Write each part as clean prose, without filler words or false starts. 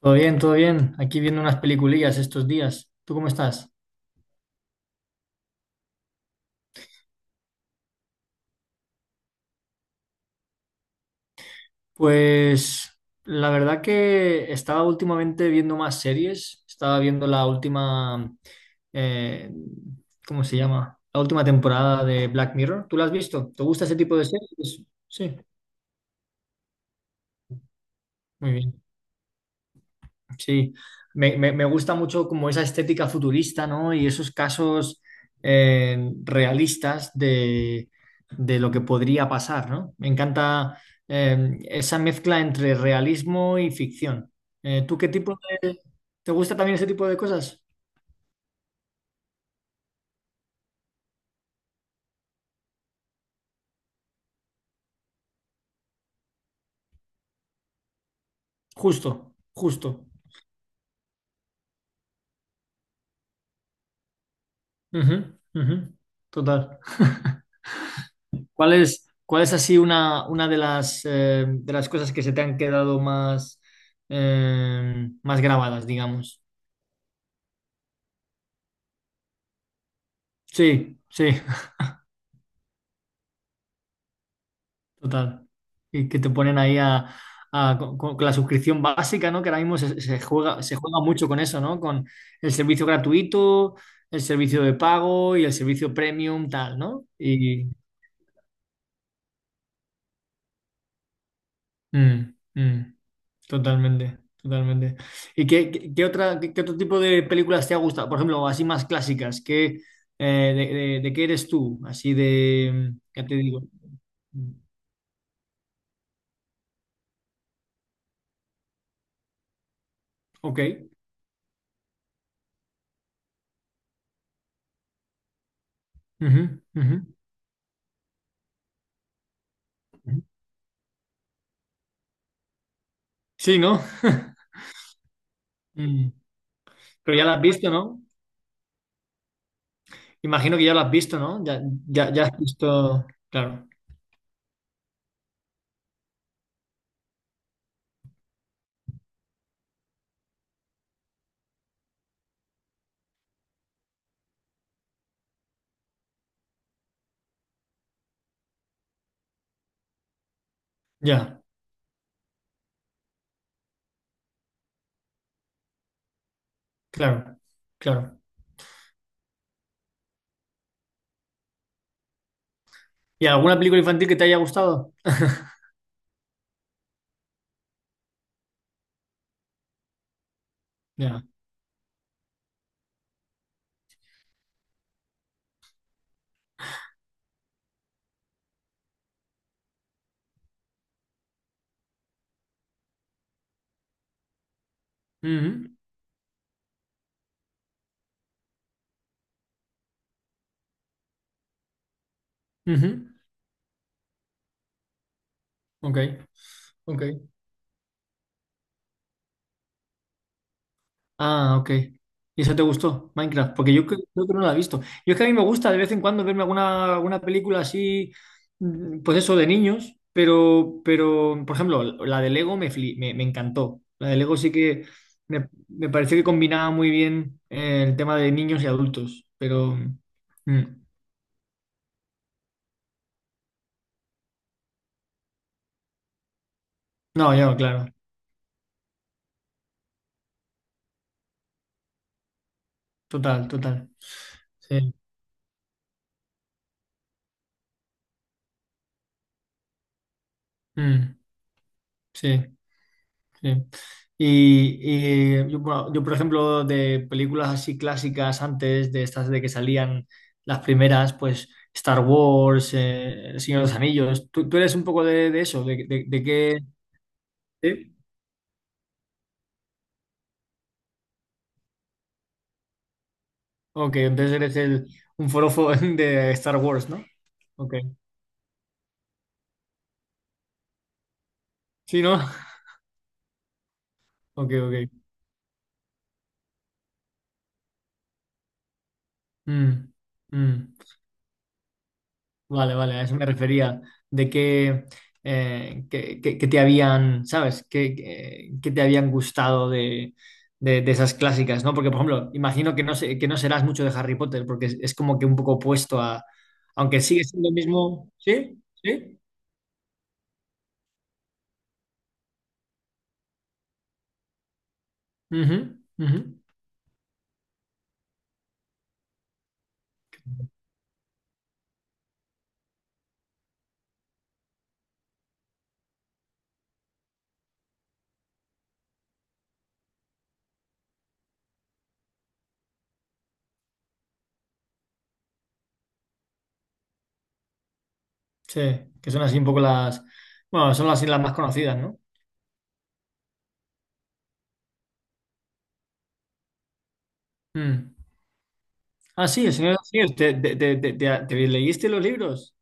Todo bien, todo bien. Aquí viendo unas peliculillas estos días. ¿Tú cómo estás? Pues la verdad que estaba últimamente viendo más series. Estaba viendo la última, eh, ¿cómo se llama? La última temporada de Black Mirror. ¿Tú la has visto? ¿Te gusta ese tipo de series? Sí, muy bien. Sí, me gusta mucho como esa estética futurista, ¿no? Y esos casos realistas de lo que podría pasar, ¿no? Me encanta esa mezcla entre realismo y ficción. ¿Tú qué tipo de... ¿Te gusta también ese tipo de cosas? Justo, justo. Ujú, ujú. Total. ¿Cuál es así una de las cosas que se te han quedado más, más grabadas, digamos? Sí, sí, total. Y que te ponen ahí con la suscripción básica, ¿no? Que ahora mismo se juega, se juega mucho con eso, ¿no? Con el servicio gratuito, el servicio de pago y el servicio premium, tal, ¿no? Y mm, mm, totalmente, totalmente. ¿Y qué otra, qué otro tipo de películas te ha gustado? Por ejemplo, así más clásicas, ¿qué, eh, de qué eres tú? Así de, ¿qué te digo? Ok. Ujú, ujú, ujú. Sí, ¿no? Mm. Pero ya la has visto, ¿no? Imagino que ya la has visto, ¿no? Ya, ya has visto. Claro, ya, claro, claro. ¿Y alguna película infantil que te haya gustado? Ya. Ujú, ujú. Ok, ok. Ah, ok. ¿Y eso te gustó, Minecraft? Porque yo creo que no la he visto. Yo es que a mí me gusta de vez en cuando verme alguna, alguna película así, mm, pues eso, de niños, pero por ejemplo, la de Lego me encantó. La de Lego sí que me pareció que combinaba muy bien el tema de niños y adultos, pero... mm, mm. No, yo, claro, total, total. Sí, mm, sí. Sí. Y yo, bueno, yo, por ejemplo, de películas así clásicas antes, de estas de que salían las primeras, pues Star Wars, El Señor de los Anillos, ¿tú, tú eres un poco de eso? ¿De, de qué? ¿Sí? Ok, entonces eres el, un forofo de Star Wars, ¿no? Ok. Sí, ¿no? Ok, ok. Mm, mm. Vale, vale, a eso me refería, de que, que te habían, ¿sabes? Que, que te habían gustado de, de esas clásicas, ¿no? Porque, por ejemplo, imagino que no, que no serás mucho de Harry Potter, porque es como que un poco opuesto a, aunque sigue siendo lo mismo, ¿sí? ¿Sí? Ujú, ujú. Sí, que son así un poco las, bueno, son así las más conocidas, ¿no? Mm. Ah, sí, el Señor de los Anillos, ¿te leíste los libros?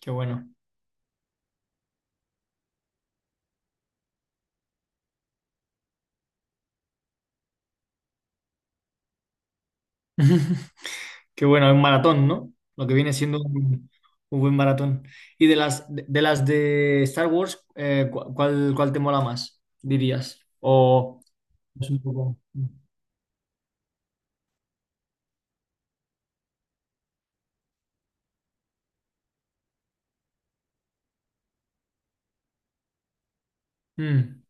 Qué bueno. Qué bueno, es un maratón, ¿no? Lo que viene siendo un buen maratón. Y de las de Star Wars, ¿cuál, cuál te mola más, dirías? O es un poco... Mm, mm,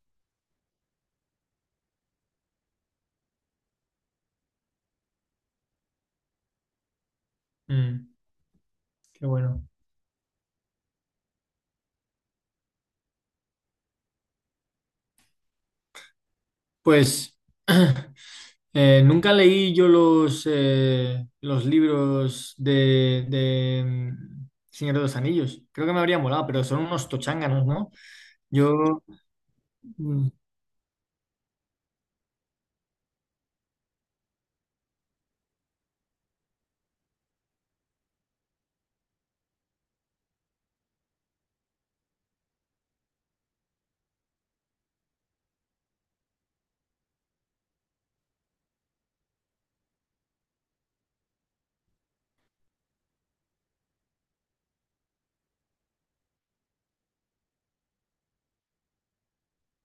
mm, qué bueno. Pues nunca leí yo los libros de mm, Señor de los Anillos. Creo que me habría molado, pero son unos tochanganos, ¿no? Yo... Mm,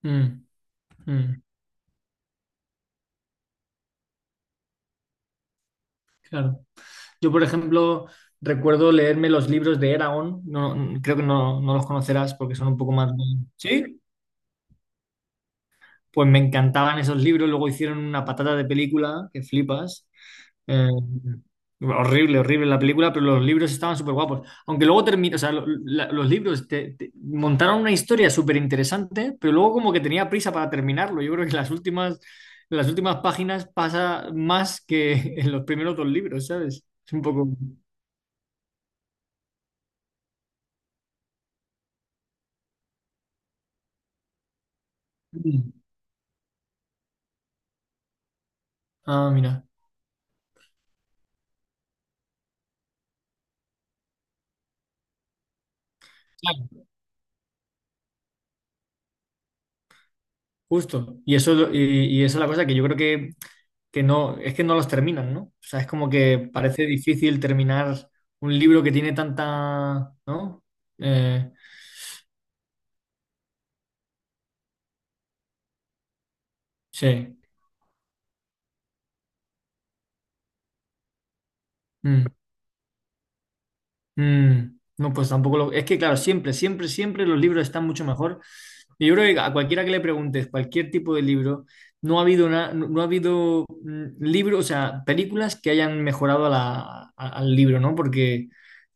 mm, mm, claro. Yo, por ejemplo, recuerdo leerme los libros de Eragon, no, creo que no, no los conocerás porque son un poco más... de- Sí, pues me encantaban esos libros, luego hicieron una patata de película, que flipas. Eh, horrible, horrible la película, pero los libros estaban súper guapos. Aunque luego terminó, o sea, los libros montaron una historia súper interesante, pero luego como que tenía prisa para terminarlo. Yo creo que las últimas páginas pasa más que en los primeros dos libros, ¿sabes? Es un poco... mm, Ah, mira. Claro, justo. Y eso, y esa es la cosa que yo creo que no, es que no los terminan, ¿no? O sea, es como que parece difícil terminar un libro que tiene tanta, ¿no? Eh, sí. Mm. Mm, no, pues tampoco lo... Es que, claro, siempre, siempre, siempre los libros están mucho mejor. Y yo creo que a cualquiera que le preguntes cualquier tipo de libro, no ha habido, no, no ha habido mm, libro, o sea, películas que hayan mejorado a al libro, ¿no? Porque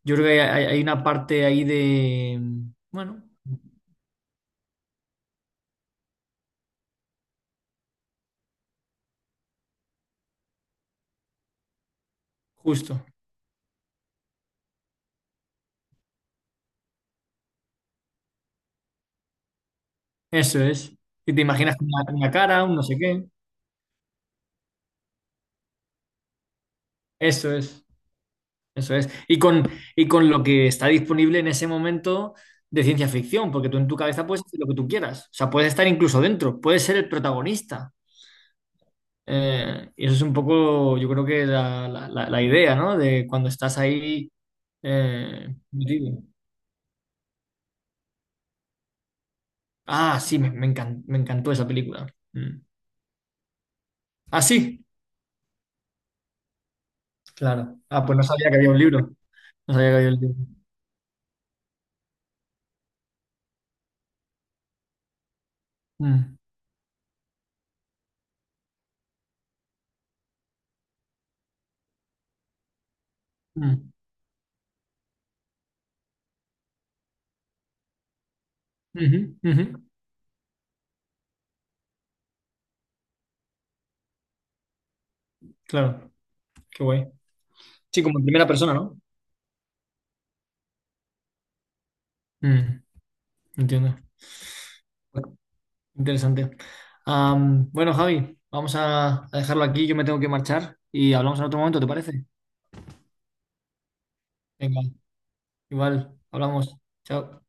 yo creo que hay una parte ahí de... mm, Bueno, justo, eso es. Y te imaginas una cara, un no sé qué. Eso es. Eso es. Y con lo que está disponible en ese momento de ciencia ficción, porque tú en tu cabeza puedes hacer lo que tú quieras. O sea, puedes estar incluso dentro, puedes ser el protagonista. Y eso es un poco, yo creo que la, la idea, ¿no? De cuando estás ahí. Metido. Ah, sí, me encantó esa película. Mm. Ah, sí, claro. Ah, pues no sabía que había un libro. No sabía que había un libro. Mm, mm. Ujú, ujú. Claro, qué guay. Sí, como en primera persona, ¿no? Mm. Entiendo. Bueno, Interesante. Am, bueno, Javi, vamos a dejarlo aquí. Yo me tengo que marchar y hablamos en otro momento, ¿te parece? Venga, igual, hablamos. Chao.